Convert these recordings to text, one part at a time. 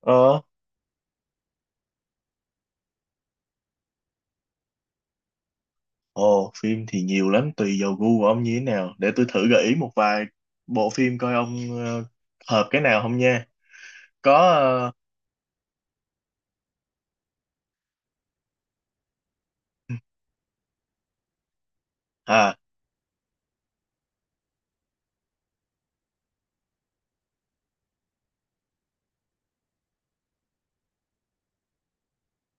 Ờ, ồ, phim thì nhiều lắm, tùy vào gu của ông như thế nào. Để tôi thử gợi ý một vài bộ phim coi ông ờ, hợp cái nào không nha. Có, ờ, à,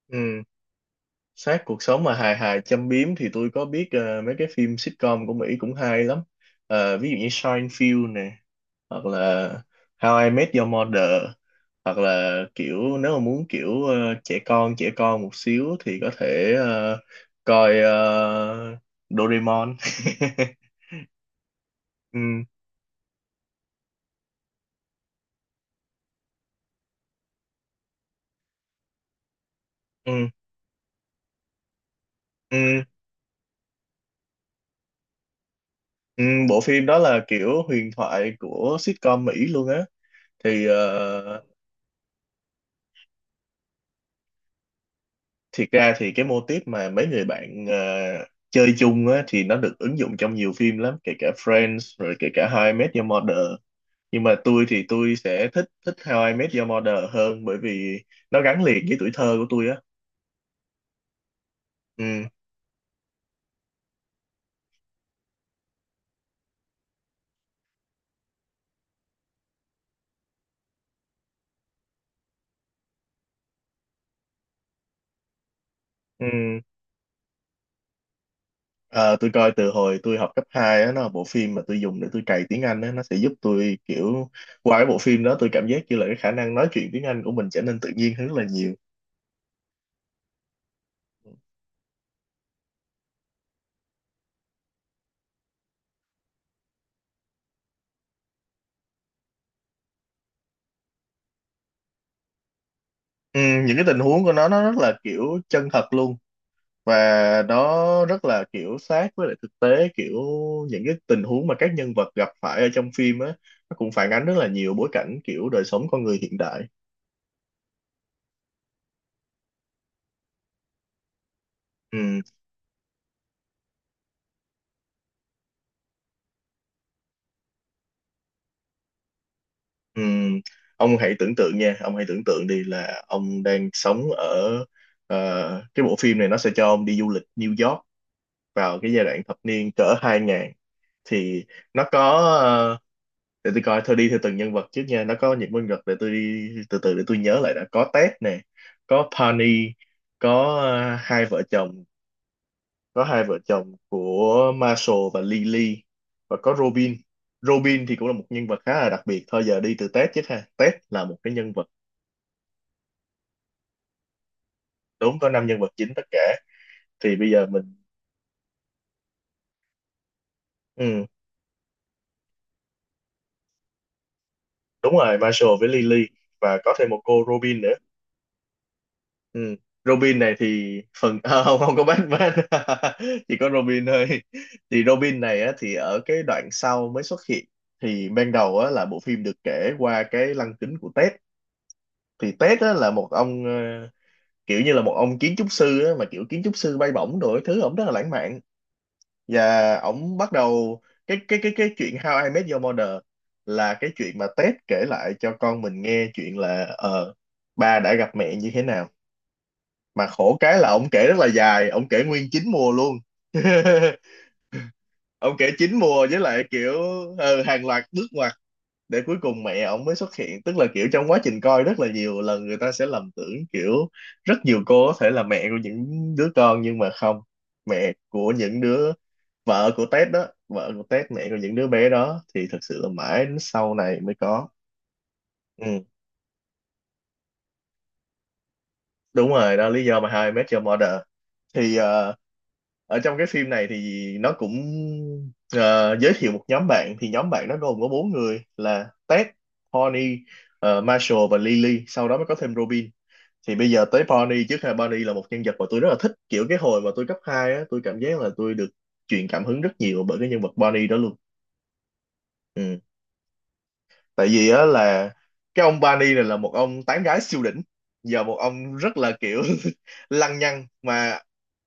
ừ, sát cuộc sống mà hài hài châm biếm thì tôi có biết mấy cái phim sitcom của Mỹ cũng hay lắm. Ờ, ví dụ như Seinfeld nè, hoặc là How I Met Your Mother, hoặc là kiểu nếu mà muốn kiểu trẻ con một xíu thì có thể coi Doraemon. Ừ. Ừ, ừ, ừ, bộ phim đó là kiểu huyền thoại của sitcom Mỹ luôn á thì thiệt ra thì cái mô típ mà mấy người bạn chơi chung á thì nó được ứng dụng trong nhiều phim lắm, kể cả Friends rồi kể cả How I Met Your Mother, nhưng mà tôi thì tôi sẽ thích thích How I Met Your Mother hơn bởi vì nó gắn liền với tuổi thơ của tôi á. Ừ, ừ. Ờ, tôi coi từ hồi tôi học cấp 2 á, nó là bộ phim mà tôi dùng để tôi cày tiếng Anh á, nó sẽ giúp tôi kiểu qua cái bộ phim đó tôi cảm giác như là cái khả năng nói chuyện tiếng Anh của mình trở nên tự nhiên hơn rất là nhiều. Ừ, những cái tình huống của nó rất là kiểu chân thật luôn và nó rất là kiểu sát với lại thực tế, kiểu những cái tình huống mà các nhân vật gặp phải ở trong phim á, nó cũng phản ánh rất là nhiều bối cảnh kiểu đời sống con người hiện đại. Ừ. Ừm, ông hãy tưởng tượng nha, ông hãy tưởng tượng đi là ông đang sống ở ờ, cái bộ phim này nó sẽ cho ông đi du lịch New York vào cái giai đoạn thập niên cỡ 2000, thì nó có ờ, để tôi coi thôi đi theo từng nhân vật trước nha, nó có những nhân vật để tôi đi từ từ để tôi nhớ lại, đã có Ted nè, có Penny, có hai vợ chồng, có hai vợ chồng của Marshall và Lily, và có Robin. Robin thì cũng là một nhân vật khá là đặc biệt. Thôi giờ đi từ Ted chứ ha. Ted là một cái nhân vật, đúng có năm nhân vật chính tất cả, thì bây giờ mình ừ, đúng rồi Marshall với Lily và có thêm một cô Robin nữa. Ừ. Robin này thì phần không, không có Batman. Chỉ có Robin thôi, thì Robin này á, thì ở cái đoạn sau mới xuất hiện, thì ban đầu á, là bộ phim được kể qua cái lăng kính của Ted, thì Ted á, là một ông kiểu như là một ông kiến trúc sư á, mà kiểu kiến trúc sư bay bổng đồ, cái thứ ổng rất là lãng mạn, và ổng bắt đầu cái chuyện How I Met Your Mother là cái chuyện mà Ted kể lại cho con mình nghe chuyện là ba đã gặp mẹ như thế nào, mà khổ cái là ổng kể rất là dài, ổng kể nguyên chín mùa luôn. Ông kể chín mùa với lại kiểu hàng loạt bước ngoặt để cuối cùng mẹ ông mới xuất hiện, tức là kiểu trong quá trình coi rất là nhiều lần người ta sẽ lầm tưởng kiểu rất nhiều cô có thể là mẹ của những đứa con, nhưng mà không, mẹ của những đứa, vợ của Tết đó, vợ của Tết, mẹ của những đứa bé đó, thì thật sự là mãi đến sau này mới có. Ừ. Đúng rồi đó là lý do mà How I Met Your Mother, thì ở trong cái phim này thì nó cũng ờ, giới thiệu một nhóm bạn, thì nhóm bạn nó gồm có bốn người là Ted, Bonnie, Marshall và Lily, sau đó mới có thêm Robin, thì bây giờ tới Bonnie trước ha. Bonnie là một nhân vật mà tôi rất là thích, kiểu cái hồi mà tôi cấp 2 á tôi cảm giác là tôi được truyền cảm hứng rất nhiều bởi cái nhân vật Bonnie đó luôn. Ừ. Tại vì á là cái ông Barney này là một ông tán gái siêu đỉnh, giờ một ông rất là kiểu lăng nhăng mà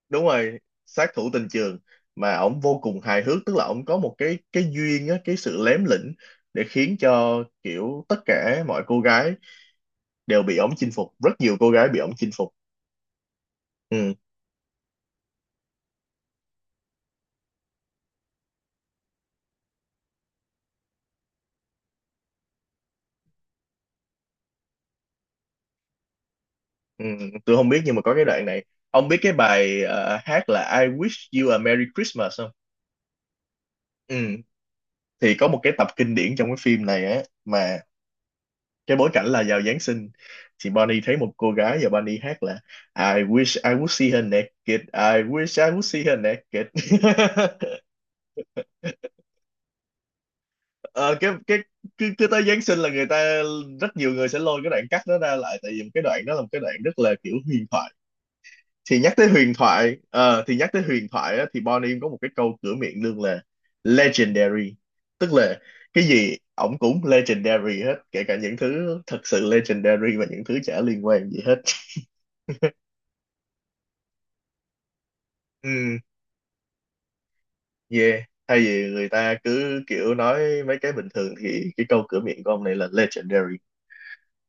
đúng rồi, sát thủ tình trường, mà ổng vô cùng hài hước, tức là ổng có một cái duyên á, cái sự lém lỉnh để khiến cho kiểu tất cả mọi cô gái đều bị ổng chinh phục, rất nhiều cô gái bị ổng chinh phục. Ừ, ừ, tôi không biết nhưng mà có cái đoạn này, ông biết cái bài hát là I wish you a Merry Christmas không, ừ, thì có một cái tập kinh điển trong cái phim này á mà cái bối cảnh là vào Giáng sinh, thì Bonnie thấy một cô gái và Bonnie hát là I wish I would see her naked, I wish I would see her naked. Ờ, cái cái cứ tới Giáng sinh là người ta, rất nhiều người sẽ lôi cái đoạn cắt đó ra lại, tại vì một cái đoạn đó là một cái đoạn rất là kiểu huyền thoại, thì nhắc tới huyền thoại ờ, thì nhắc tới huyền thoại á, thì Bonnie có một cái câu cửa miệng luôn là legendary, tức là cái gì ổng cũng legendary hết, kể cả những thứ thật sự legendary và những thứ chả liên quan gì hết. Ừ, yeah, thay vì người ta cứ kiểu nói mấy cái bình thường thì cái câu cửa miệng của ông này là legendary.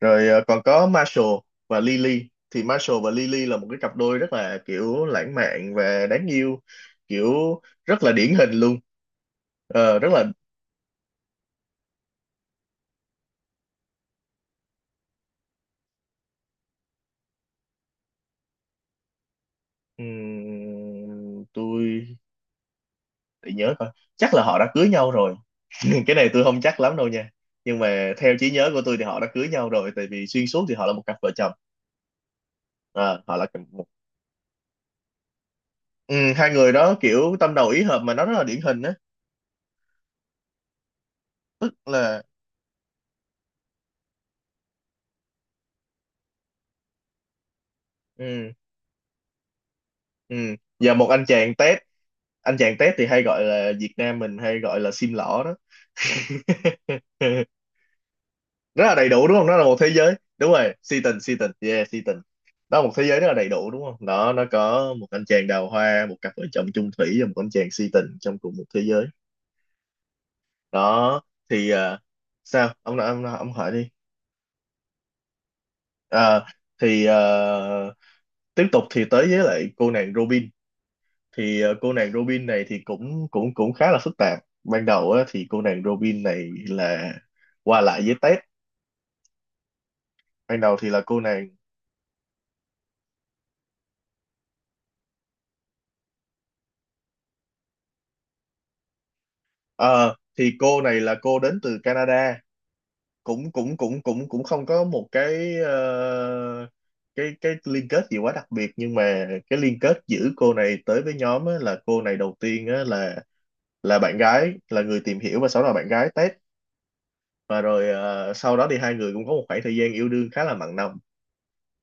Rồi còn có Marshall và Lily, thì Marshall và Lily là một cái cặp đôi rất là kiểu lãng mạn và đáng yêu, kiểu rất là điển hình luôn. Ờ, rất là tôi để nhớ coi, chắc là họ đã cưới nhau rồi. Cái này tôi không chắc lắm đâu nha, nhưng mà theo trí nhớ của tôi thì họ đã cưới nhau rồi, tại vì xuyên suốt thì họ là một cặp vợ chồng. À, họ là một, ừ, hai người đó kiểu tâm đầu ý hợp mà nó rất là điển hình á, tức là ừ, ừ. Và một anh chàng tép, anh chàng tép thì hay gọi là Việt Nam mình hay gọi là sim lỏ đó. Rất là đầy đủ đúng không, nó là một thế giới, đúng rồi, si tình, si tình, yeah si tình. Đó là một thế giới rất là đầy đủ đúng không đó, nó có một anh chàng đào hoa, một cặp vợ chồng chung thủy và một anh chàng si tình trong cùng một thế giới. Đó thì sao ông hỏi đi. À, thì tiếp tục thì tới với lại cô nàng Robin, thì cô nàng Robin này thì cũng cũng cũng khá là phức tạp. Ban đầu á, thì cô nàng Robin này là qua lại với Ted, ban đầu thì là cô nàng ờ, thì cô này là cô đến từ Canada, cũng cũng cũng cũng cũng không có một cái cái liên kết gì quá đặc biệt, nhưng mà cái liên kết giữa cô này tới với nhóm á, là cô này đầu tiên á, là bạn gái, là người tìm hiểu và sau đó là bạn gái Ted, và rồi sau đó thì hai người cũng có một khoảng thời gian yêu đương khá là mặn nồng,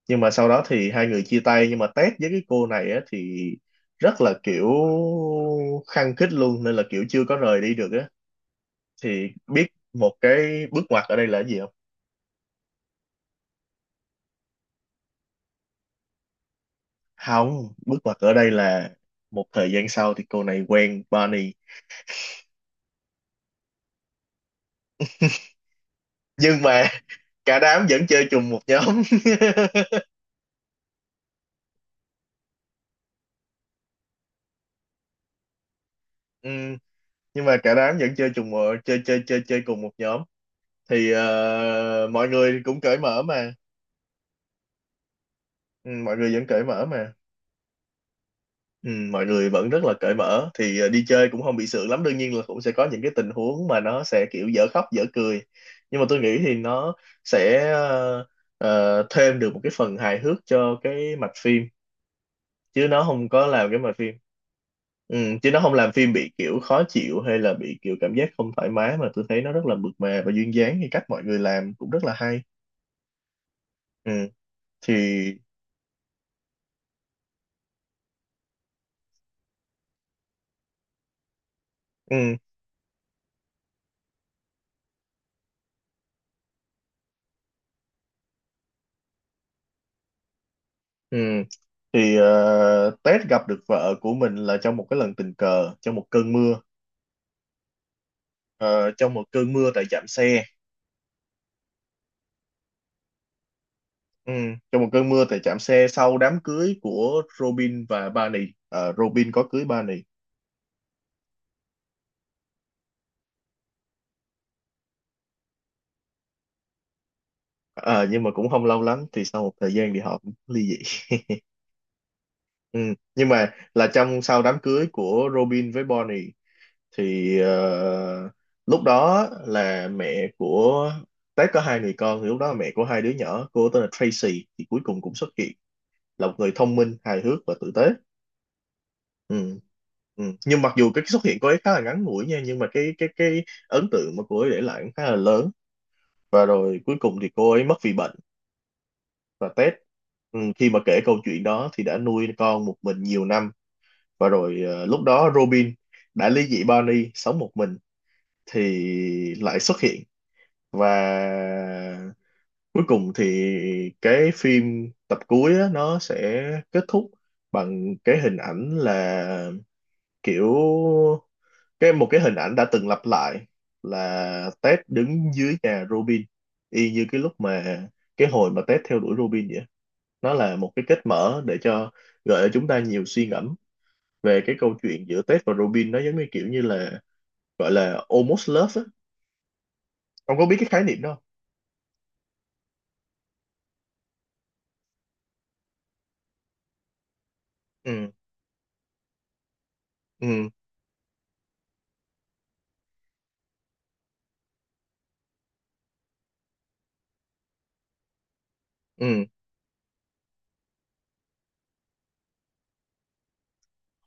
nhưng mà sau đó thì hai người chia tay, nhưng mà Ted với cái cô này á thì rất là kiểu khăng khít luôn nên là kiểu chưa có rời đi được á, thì biết một cái bước ngoặt ở đây là cái gì không. Không, bước ngoặt ở đây là một thời gian sau thì cô này quen Barney, nhưng mà cả đám vẫn chơi chung một nhóm. Ừ, nhưng mà cả đám vẫn chơi chung một chơi chơi chơi chơi cùng một nhóm, thì mọi người cũng cởi mở mà. Ừ, mọi người vẫn cởi mở mà, ừ, mọi người vẫn rất là cởi mở. Thì đi chơi cũng không bị sượng lắm, đương nhiên là cũng sẽ có những cái tình huống mà nó sẽ kiểu dở khóc dở cười, nhưng mà tôi nghĩ thì nó sẽ thêm được một cái phần hài hước cho cái mạch phim, chứ nó không có làm cái mạch phim, ừ, chứ nó không làm phim bị kiểu khó chịu hay là bị kiểu cảm giác không thoải mái, mà tôi thấy nó rất là mượt mà và duyên dáng, thì cách mọi người làm cũng rất là hay. Ừ, thì ừ, ừ. Thì Tết gặp được vợ của mình là trong một cái lần tình cờ trong một cơn mưa. Ờ, trong một cơn mưa tại trạm xe, ừ, trong một cơn mưa tại trạm xe sau đám cưới của Robin và Barney. Ờ, Robin có cưới Barney. Ờ, nhưng mà cũng không lâu lắm thì sau một thời gian thì họ cũng ly dị. Ừ, nhưng mà là trong sau đám cưới của Robin với Barney, thì lúc đó là mẹ của Tết có hai người con, thì lúc đó là mẹ của hai đứa nhỏ cô tên là Tracy thì cuối cùng cũng xuất hiện, là một người thông minh hài hước và tử tế. Ừ. Ừ, nhưng mặc dù cái xuất hiện của ấy khá là ngắn ngủi nha, nhưng mà cái ấn tượng mà cô ấy để lại cũng khá là lớn, và rồi cuối cùng thì cô ấy mất vì bệnh, và Ted ừ, khi mà kể câu chuyện đó thì đã nuôi con một mình nhiều năm, và rồi lúc đó Robin đã ly dị Barney sống một mình, thì lại xuất hiện. Và cuối cùng thì cái phim tập cuối á, nó sẽ kết thúc bằng cái hình ảnh là kiểu cái một cái hình ảnh đã từng lặp lại, là Ted đứng dưới nhà Robin y như cái lúc mà cái hồi mà Ted theo đuổi Robin vậy, nó là một cái kết mở để cho, gợi cho chúng ta nhiều suy ngẫm về cái câu chuyện giữa Ted và Robin, nó giống như kiểu như là gọi là almost love á. Ông có biết cái khái niệm đó không? Ừ, ừ, ừ,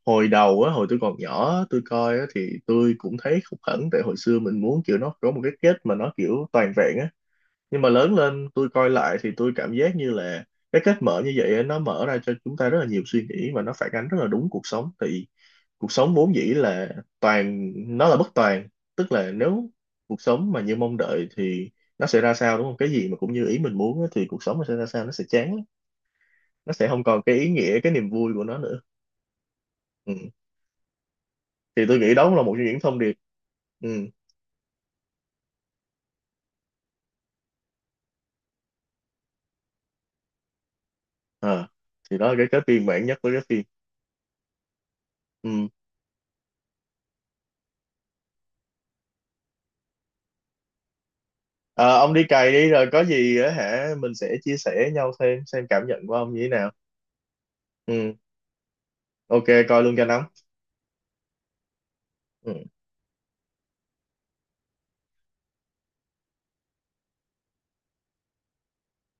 hồi đầu á hồi tôi còn nhỏ tôi coi á thì tôi cũng thấy khúc khẩn, tại hồi xưa mình muốn kiểu nó có một cái kết mà nó kiểu toàn vẹn á, nhưng mà lớn lên tôi coi lại thì tôi cảm giác như là cái cách mở như vậy á, nó mở ra cho chúng ta rất là nhiều suy nghĩ và nó phản ánh rất là đúng cuộc sống. Thì cuộc sống vốn dĩ là toàn, nó là bất toàn, tức là nếu cuộc sống mà như mong đợi thì nó sẽ ra sao đúng không, cái gì mà cũng như ý mình muốn á, thì cuộc sống nó sẽ ra sao, nó sẽ chán lắm. Nó sẽ không còn cái ý nghĩa cái niềm vui của nó nữa. Ừ. Thì tôi nghĩ đó cũng là một trong những thông điệp. Ừ. À. Thì đó là cái viên mãn nhất của cái phim. Ừ. Ờ, ông đi cày đi rồi có gì á hả mình sẽ chia sẻ nhau thêm xem cảm nhận của ông như thế nào. Ừ, ok, coi luôn cho nóng. Ừ.